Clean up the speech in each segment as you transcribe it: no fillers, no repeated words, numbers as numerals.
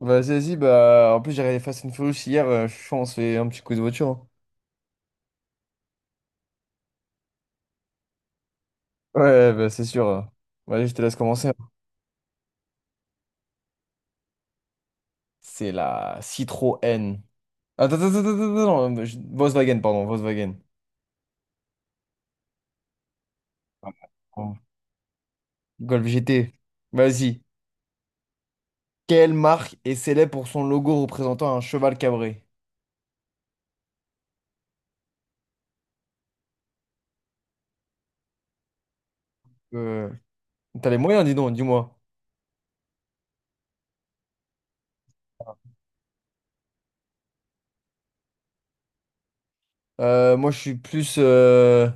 Bah, vas-y, bah, en plus, j'ai regardé Fast and Furious hier, je pense qu'on se fait un petit coup de voiture, hein. Ouais, bah, c'est sûr. Vas-y, je te laisse commencer, hein. C'est la Citroën. Attends, attends, attends, attends, attends, non, Volkswagen, pardon, Volkswagen. Oh. Golf GT. Vas-y. Quelle marque est célèbre pour son logo représentant un cheval cabré? Euh, T'as les moyens, dis donc, dis-moi. Moi, je suis plus,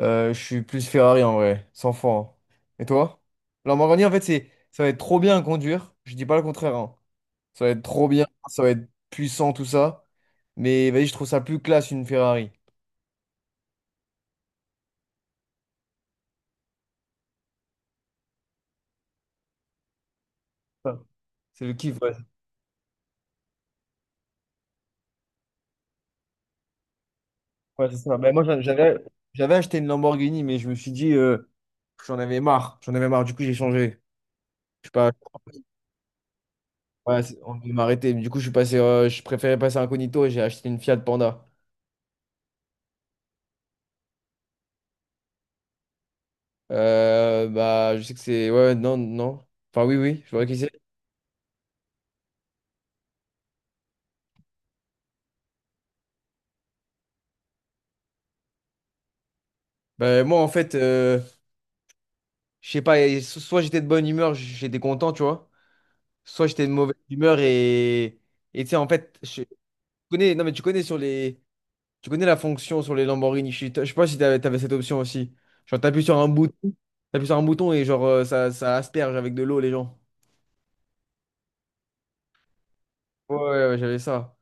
Je suis plus Ferrari en vrai, sans fond. Et toi? La Lamborghini, en fait, ça va être trop bien à conduire. Je dis pas le contraire, hein. Ça va être trop bien, ça va être puissant, tout ça. Mais vas-y, je trouve ça plus classe une Ferrari. Enfin, c'est le kiff, ouais. Ouais, c'est ça. Ben, moi, j'avais acheté une Lamborghini, mais je me suis dit, j'en avais marre. J'en avais marre, du coup, j'ai changé. Je sais pas, ouais, on devait m'arrêter. Mais du coup, je suis passé, je préférais passer incognito et j'ai acheté une Fiat Panda. Bah, je sais que c'est. Ouais, non, non. Enfin, oui, oui, je vois qui c'est. Bah, moi, en fait, je sais pas, et soit j'étais de bonne humeur, j'étais content, tu vois. Soit j'étais de mauvaise humeur et. Et tu sais, en fait, je tu connais. Non, mais tu connais sur les. Tu connais la fonction sur les Lamborghini. Je sais pas si t'avais cette option aussi. Genre, t'appuies sur un bouton. T'appuies sur un bouton et genre, ça asperge avec de l'eau les gens. Ouais, ouais, ouais, j'avais ça.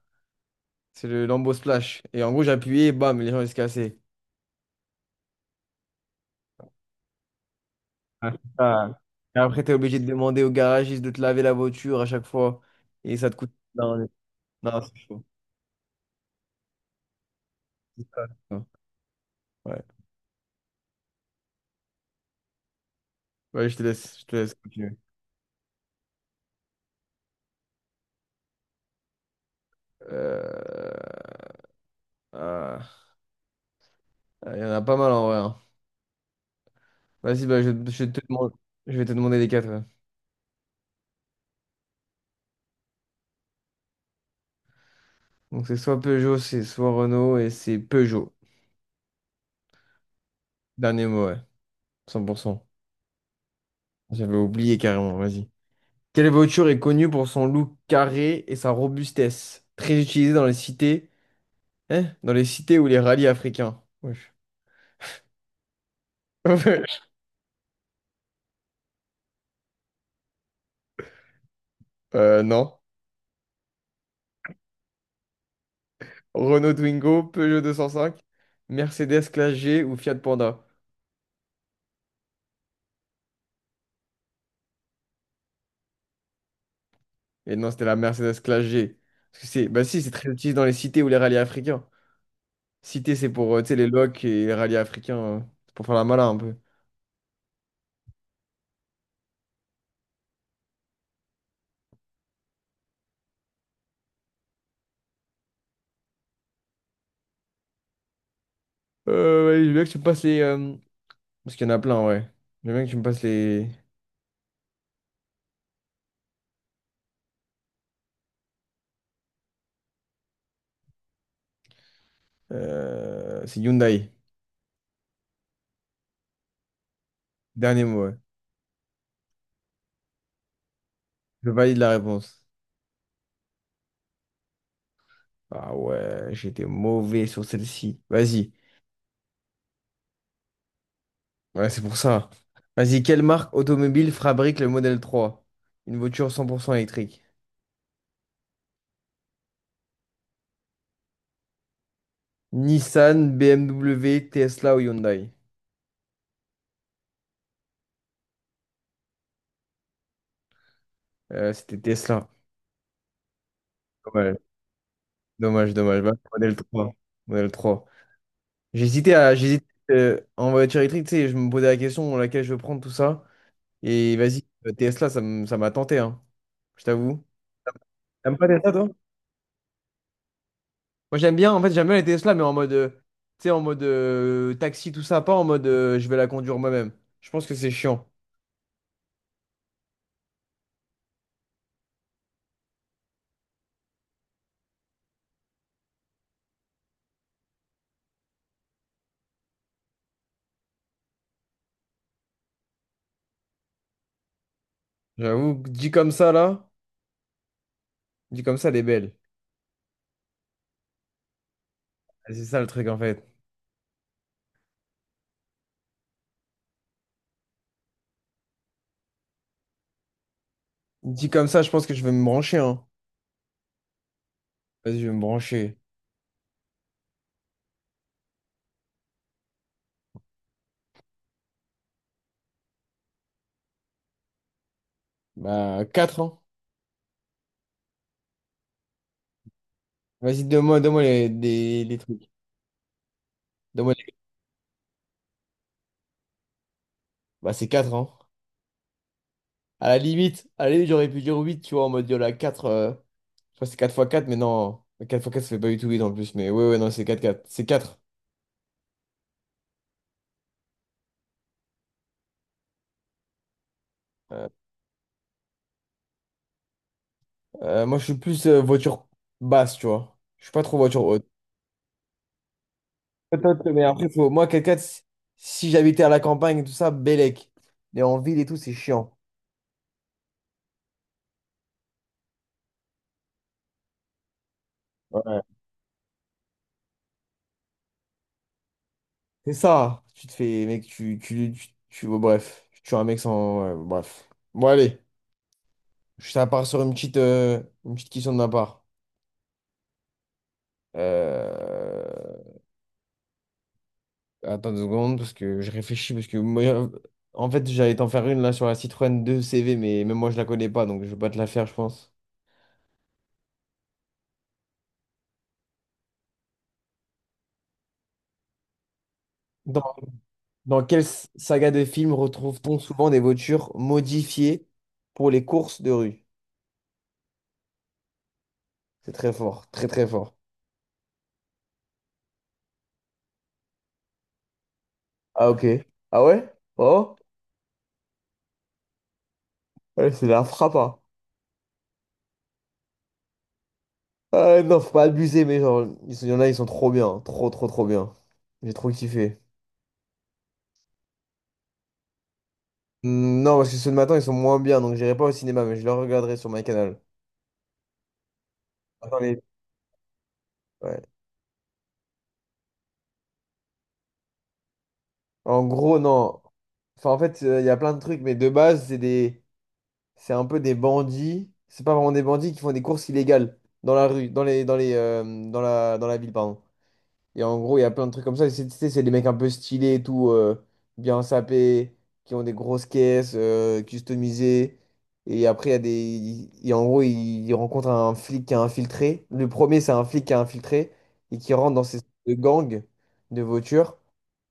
C'est le Lambo Splash. Et en gros, j'appuyais, bam, les gens, ils se cassaient. Ah, c'est ça. Et après, tu es obligé de demander au garagiste de te laver la voiture à chaque fois. Et ça te coûte. Non, non, c'est chaud. C'est ça, c'est ça. Ouais. Ouais, je te laisse continuer. Euh, ah, Il y en a pas mal en vrai, hein. Vas-y, bah, je te demande... Je vais te demander les quatre, ouais. Donc, c'est soit Peugeot, c'est soit Renault et c'est Peugeot. Dernier mot, ouais. 100%. J'avais oublié carrément, vas-y. Quelle voiture est connue pour son look carré et sa robustesse? Très utilisée dans les cités. Eh, dans les cités ou les rallyes africains. Wesh. Non. Renault Twingo, Peugeot 205, Mercedes Classe G ou Fiat Panda. Et non, c'était la Mercedes Classe G. Parce que c'est, bah si, c'est très utilisé dans les cités ou les rallyes africains. Cité, c'est pour, tu sais, les locs et les rallyes africains, c'est pour faire la malin un peu. Ouais, je veux bien que tu me passes les... parce qu'il y en a plein, ouais. Je veux bien que tu me passes les... c'est Hyundai. Dernier mot, ouais. Je valide la réponse. Ah ouais, j'étais mauvais sur celle-ci. Vas-y. Ouais, c'est pour ça. Vas-y, quelle marque automobile fabrique le modèle 3? Une voiture 100% électrique. Nissan, BMW, Tesla ou Hyundai? C'était Tesla. Dommage, dommage, dommage. Va, modèle 3. Modèle 3. J'hésitais en voiture électrique, tu sais, je me posais la question laquelle je veux prendre tout ça. Et vas-y, Tesla, ça m'a tenté, hein. Je t'avoue. T'aimes pas Tesla, toi? Moi j'aime bien, en fait j'aime bien les Tesla, mais en mode, tu sais, en mode taxi, tout ça, pas en mode je vais la conduire moi-même. Je pense que c'est chiant. J'avoue, que dit comme ça là, dit comme ça, elle est belle. Et c'est ça le truc en fait. Dit comme ça, je pense que je vais me brancher, hein. Vas-y, je vais me brancher. Bah, quatre ans. Vas-y, donne-moi des trucs. Donne-moi les- bah, c'est 4 ans. À la limite, j'aurais pu dire 8, tu vois, en mode il y en a 4. Je crois que c'est quatre fois quatre, mais non. Quatre fois 4 ça fait pas du tout huit en plus. Mais ouais, ouais, non, c'est 4 4, c'est quatre. Euh, moi, je suis plus voiture basse, tu vois. Je suis pas trop voiture haute. Peut-être, mais après, faut... moi, 4 4, si j'habitais à la campagne et tout ça, bellec. Mais en ville et tout, c'est chiant. Ouais. C'est ça. Tu te fais, mec, oh, bref. Tu tues un mec sans. Ouais, bref. Bon, allez. Ça part sur une petite question de ma part. Euh, Attends 2 secondes, parce que je réfléchis, parce que moi, en fait, j'allais t'en faire une là sur la Citroën 2 CV, mais même moi, je la connais pas, donc je vais pas te la faire, je pense. Dans, dans quelle saga de films retrouve-t-on souvent des voitures modifiées pour les courses de rue? C'est très fort, très très fort. Ah, ok. Ah ouais? Oh? Ouais, c'est la frappe, hein. Non, faut pas abuser, mais genre, il y en a, ils sont trop bien, trop trop trop bien. J'ai trop kiffé. Hmm, non, parce que ceux de matin, ils sont moins bien, donc j'irai pas au cinéma, mais je les regarderai sur ma canal. Attends, ouais. En gros, non. Enfin, en fait, il y a plein de trucs, mais de base, c'est des... c'est un peu des bandits. C'est pas vraiment des bandits qui font des courses illégales dans la rue, dans les, dans la ville, pardon. Et en gros, il y a plein de trucs comme ça. C'est tu sais, c'est des mecs un peu stylés et tout, bien sapés, qui ont des grosses caisses, customisées. Et après, il y a des. Et en gros, ils rencontrent un flic qui a infiltré. Le premier, c'est un flic qui a infiltré et qui rentre dans ces gangs de voitures.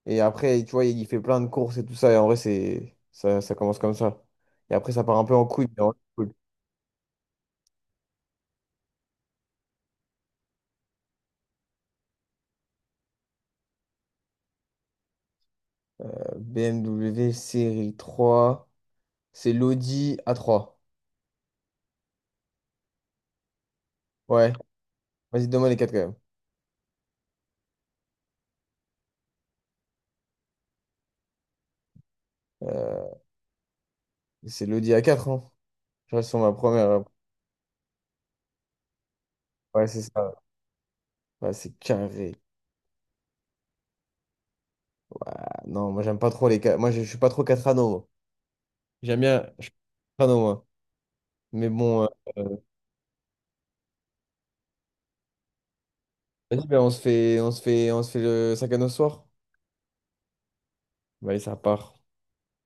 Et après, tu vois, il fait plein de courses et tout ça. Et en vrai, c'est ça, ça commence comme ça. Et après, ça part un peu en couille, mais en vrai, c'est cool. BMW série 3, c'est l'Audi A3. Ouais. Vas-y, donne-moi les quatre quand même. Euh, c'est l'Audi A4, hein. Je reste sur ma première. Ouais, c'est ça. Ouais, c'est carré. Ouah, non, moi, j'aime pas trop les 4. Moi, je suis pas trop 4 anneaux, moi. J'aime bien. Je suis 4 anneaux, moi. Mais bon, euh, vas-y, ben, on se fait le 5 anneaux ce soir. Bah, allez, ça part.